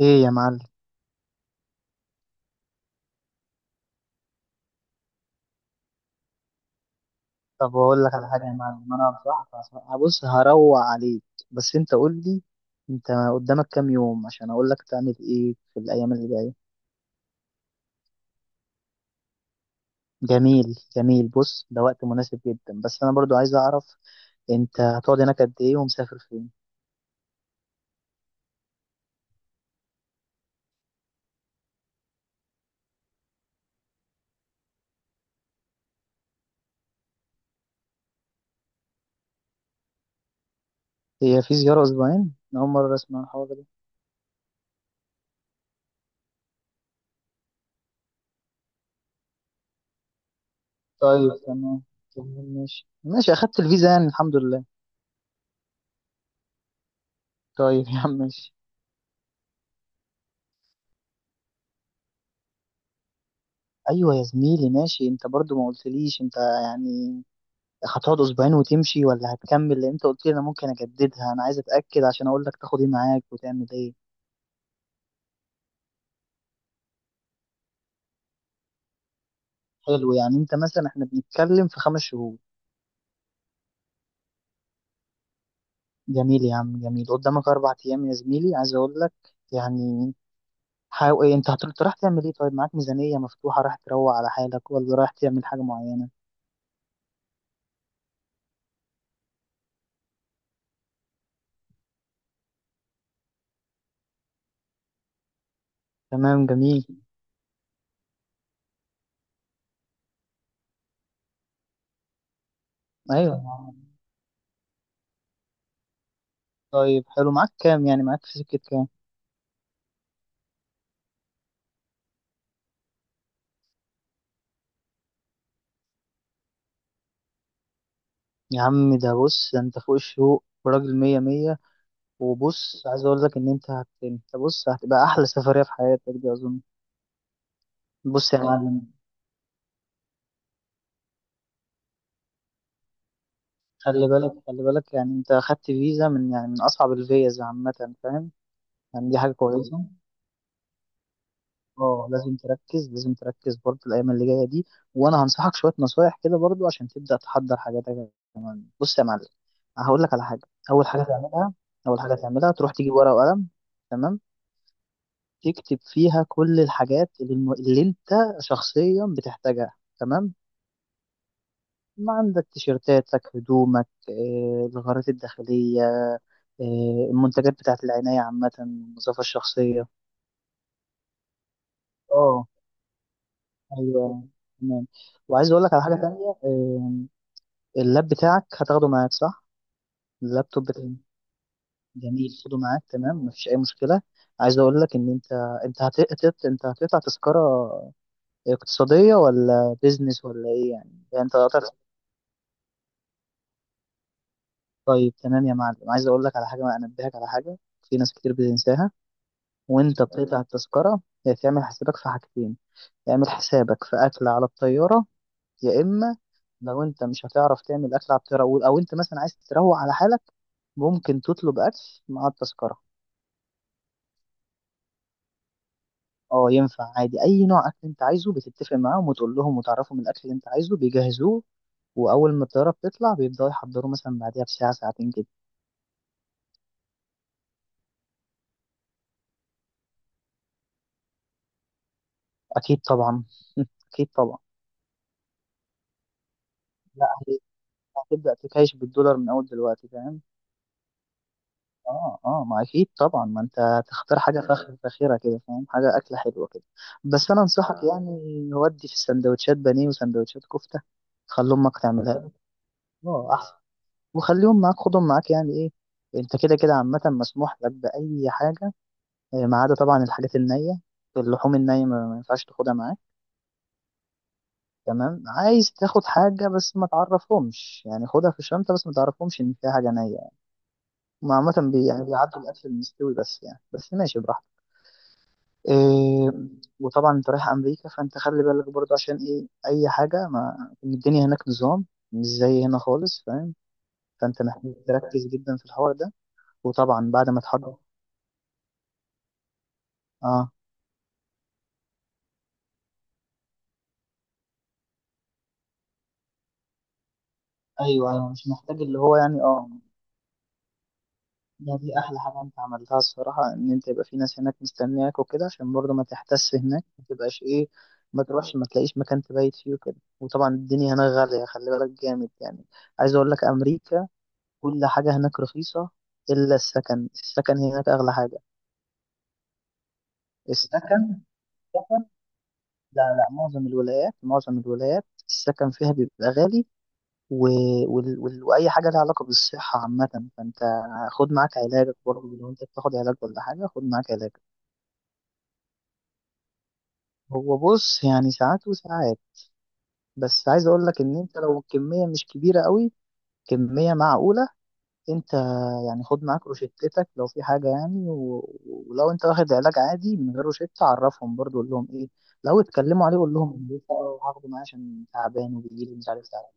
ايه يا معلم. طب اقول لك على حاجه يا معلم، انا بص هروق عليك، بس انت قول لي. انت قدامك كام يوم عشان اقول لك تعمل ايه في الايام اللي جايه. جميل جميل، بص ده وقت مناسب جدا، بس انا برضو عايز اعرف انت هتقعد هناك قد ايه ومسافر فين. هي في زياره اسبوعين؟ أنا اول مره اسمع الحوار ده. طيب تمام. تمام، ماشي اخدت الفيزا، يعني الحمد لله. طيب يا عم ماشي. ايوه يا زميلي ماشي، انت برضو ما قلتليش، انت يعني هتقعد اسبوعين وتمشي ولا هتكمل؟ لان انت قلت لي انا ممكن اجددها، انا عايز اتاكد عشان اقول لك تاخد ايه معاك وتعمل ايه. حلو، يعني انت مثلا احنا بنتكلم في خمس شهور. جميل يا عم جميل، قدامك اربع ايام يا زميلي، عايز اقول لك يعني، حاول ايه، انت أنت رايح تعمل ايه؟ طيب معاك ميزانيه مفتوحه، رايح تروق على حالك ولا رايح تعمل حاجه معينه؟ تمام جميل. ايوه، طيب حلو، معاك كام، يعني معاك في سكه كام؟ يا عم، بص ده انت فوق الشوق وراجل مية مية. وبص، عايز اقول لك ان انت انت بص هتبقى احلى سفريه في حياتك دي اظن. بص يا معلم. خلي بالك، يعني انت اخدت فيزا من، يعني من اصعب الفيز عامه، فاهم؟ يعني دي حاجه كويسه. اه لازم تركز، لازم تركز برضه الايام اللي جايه دي. وانا هنصحك شويه نصايح كده برضه عشان تبدا تحضر حاجاتك كمان. بص يا معلم، هقول لك على حاجه. اول حاجه تعملها اول حاجه تعملها تروح تجيب ورقه وقلم. تمام، تكتب فيها كل الحاجات اللي انت شخصيا بتحتاجها. تمام، ما عندك تيشيرتاتك، هدومك، الغارات الداخلية، المنتجات بتاعت العناية عامة، النظافة الشخصية. اه ايوه تمام. وعايز اقول لك على حاجة تانية، اللاب بتاعك هتاخده معاك صح؟ اللابتوب بتاعك. جميل، خده معاك تمام، مفيش أي مشكلة. عايز اقول لك ان انت، انت هتقطع تذكرة اقتصادية ولا بيزنس ولا ايه يعني؟ يعني انت قطعت؟ طيب تمام يا معلم، عايز اقول لك على حاجة، انبهك على حاجة في ناس كتير بتنساها. وانت بتقطع التذكرة، يا تعمل حسابك في حاجتين، تعمل حسابك في أكل على الطيارة، يا إما لو انت مش هتعرف تعمل أكل على الطيارة، أو انت مثلا عايز تروق على حالك، ممكن تطلب أكل مع التذكرة. اه ينفع عادي، أي نوع أكل انت عايزه بتتفق معاهم وتقول لهم وتعرفهم الأكل اللي انت عايزه بيجهزوه. وأول ما الطيارة بتطلع بيبدأوا يحضروا، مثلا بعديها بساعة ساعتين كده. أكيد طبعا. أكيد طبعا. لا هي- هتبدأ تكايش بالدولار من أول دلوقتي، فاهم؟ اه اه، ما اكيد طبعا، ما انت تختار حاجه فاخره كده، فاهم؟ حاجه اكله حلوه كده. بس انا انصحك يعني، ودي في السندوتشات بانيه وسندوتشات كفته، خلي امك تعملها لك. اه احسن. وخليهم معاك، خدهم معاك، يعني ايه، انت كده كده عامه مسموح لك باي حاجه، ما عدا طبعا الحاجات النيه. اللحوم النيه ما ينفعش تاخدها معاك. تمام، عايز تاخد حاجه بس ما تعرفهمش، يعني خدها في الشنطه بس ما تعرفهمش ان فيها حاجه نيه يعني. عامه بي يعني بيعدوا الاكل المستوي بس، يعني بس ماشي براحتك. إيه، وطبعا انت رايح امريكا، فانت خلي بالك برضه عشان ايه، اي حاجه، ما الدنيا هناك نظام مش زي هنا خالص، فاهم؟ فانت محتاج تركز جدا في الحوار ده. وطبعا بعد ما تحضر، اه ايوه ايوه، مش محتاج اللي هو يعني اه. ده دي احلى حاجه انت عملتها الصراحه، ان انت يبقى في ناس هناك مستنياك وكده، عشان برضه ما تحتس هناك، ما تبقاش ايه، ما تروحش ما تلاقيش مكان تبيت فيه وكده. وطبعا الدنيا هناك غاليه، خلي بالك جامد يعني. عايز اقول لك امريكا كل حاجة هناك رخيصة، إلا السكن، السكن هناك أغلى حاجة. السكن السكن، لا معظم الولايات، معظم الولايات السكن فيها بيبقى غالي. و... وأي حاجة لها علاقة بالصحة عامة، فأنت خد معاك علاجك برضه، لو أنت بتاخد علاج ولا حاجة، خد معاك علاجك. هو بص يعني ساعات وساعات، بس عايز أقول لك إن أنت لو الكمية مش كبيرة قوي، كمية معقولة، انت يعني خد معاك روشتتك لو في حاجة، ولو انت واخد علاج عادي من غير روشتة، عرفهم برضو، قول لهم ايه لو اتكلموا عليه، قول لهم إن ده هاخده معايا عشان تعبان وبيجيلي مش عارف، تعبان.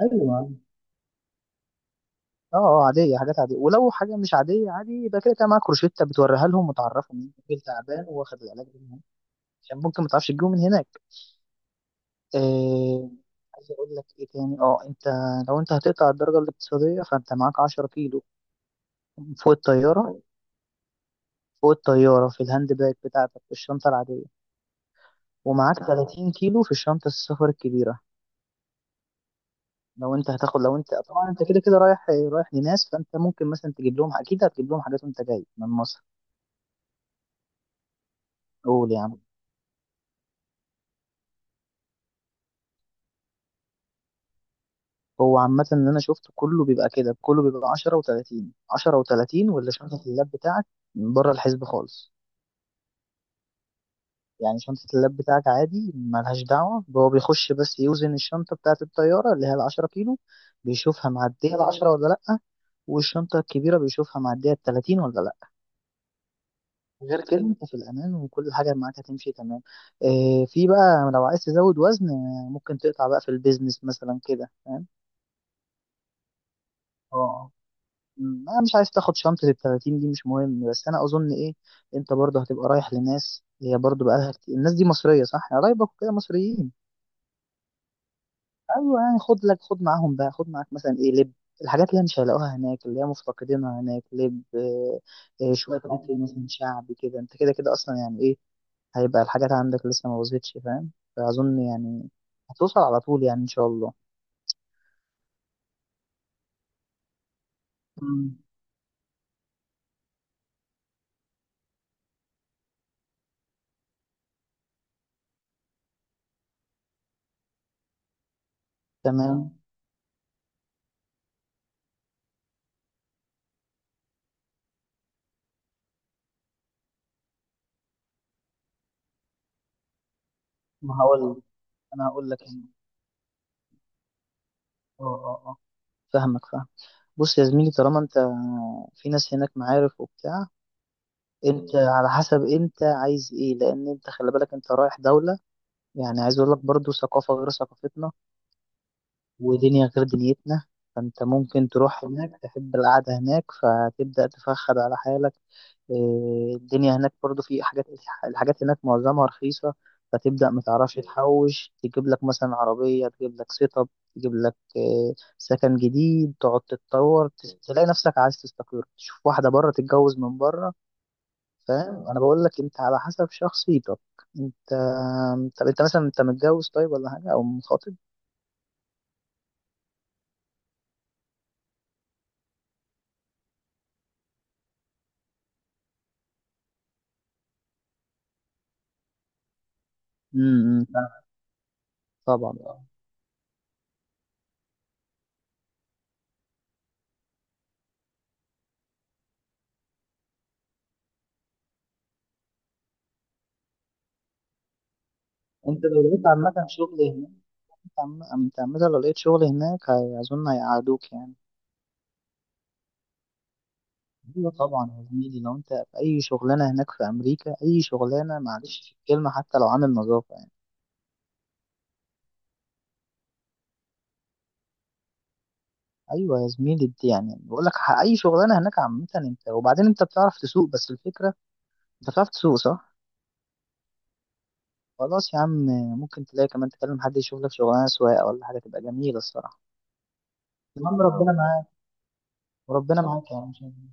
ايوه اه اه، عادية حاجات عادية، ولو حاجة مش عادية عادي يبقى كده كده معاك روشتة بتوريها لهم وتعرفهم ان انت راجل تعبان واخد العلاج ده من هنا. عشان ممكن ما تعرفش تجيبه من هناك. آه، عايز اقول لك ايه تاني، اه انت لو انت هتقطع الدرجة الاقتصادية فانت معاك 10 كيلو فوق الطيارة، فوق الطيارة في الهاند باج بتاعتك، في الشنطة العادية. ومعاك 30 كيلو في الشنطة السفر الكبيرة. لو انت هتاخد، لو انت طبعا انت كده كده رايح لناس، فانت ممكن مثلا تجيب لهم، اكيد هتجيب لهم حاجات وانت جاي من مصر. قول يعني. هو عامة اللي انا شفته كله بيبقى كده، كله بيبقى 10 و30، 10 و30، واللي شنطة اللاب بتاعك بره الحسب خالص. يعني شنطة اللاب بتاعك عادي ملهاش دعوة، هو بيخش بس يوزن الشنطة بتاعة الطيارة اللي هي العشرة كيلو، بيشوفها معدية العشرة ولا لأ، والشنطة الكبيرة بيشوفها معدية التلاتين ولا لأ. غير كده أنت في الأمان، وكل حاجة معاك هتمشي تمام. إيه، في بقى لو عايز تزود وزن، ممكن تقطع بقى في البيزنس مثلا كده، فاهم؟ اه، أنا مش عايز تاخد شنطة التلاتين دي مش مهم، بس أنا أظن إيه، أنت برضه هتبقى رايح لناس، هي برضه بقالها كتير الناس دي مصرية صح؟ يعني قرايبك وكده مصريين. ايوه يعني، خد لك، خد معاهم بقى، خد معاك مثلا ايه، لب، الحاجات اللي هي مش هيلاقوها هناك، اللي هي مفتقدينها هناك، لب، شويه حاجات، إيه مثلا شعبي كده، انت كده كده اصلا يعني ايه، هيبقى الحاجات عندك لسه ما بظبطش فاهم، فاظن يعني هتوصل على طول يعني ان شاء الله. مم. تمام. ما هقول، انا هقول لك هنا. اه اه اه، فاهمك فاهم. بص يا زميلي، طالما انت في ناس هناك معارف وبتاع، انت على حسب انت عايز ايه، لان انت خلي بالك انت رايح دولة، يعني عايز اقول لك برضو ثقافة غير ثقافتنا، ودنيا غير دنيتنا. فانت ممكن تروح هناك تحب القعدة هناك، فتبدأ تفخد على حالك. إيه، الدنيا هناك برضو في حاجات، الحاجات هناك معظمها رخيصة، فتبدأ متعرفش تحوش، تجيب لك مثلا عربية، تجيب لك سيت اب، تجيب لك إيه، سكن جديد، تقعد تتطور، تلاقي نفسك عايز تستقر، تشوف واحدة بره، تتجوز من بره. فاهم، انا بقول لك انت على حسب شخصيتك، انت. طب انت مثلا انت متجوز طيب ولا حاجه، او مخاطب؟ امم، طبعا آه. انت لو لقيت عامه شغل هناك، انت انت عامه لو لقيت شغل هناك، اظن هيقعدوك يعني. ايوه طبعا يا زميلي، لو انت في اي شغلانه هناك في امريكا، اي شغلانه، معلش في الكلمه، حتى لو عامل نظافه يعني. ايوه يا زميلي، دي يعني بقول لك، اي شغلانه هناك عامه، انت وبعدين انت بتعرف تسوق، بس الفكره انت بتعرف تسوق صح؟ خلاص يا عم، ممكن تلاقي كمان تكلم حد يشوف لك شغلانه سواقه ولا حاجه تبقى جميله الصراحه. يا عم ربنا معاك. وربنا معاك يا عم شادي.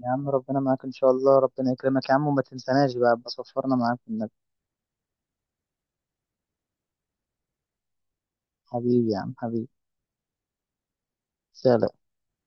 يا عم ربنا معاك ان شاء الله، ربنا يكرمك يا عم، وما تنساناش بقى، بصفرنا معاك في النبي. حبيبي يا عم حبيبي. سلام.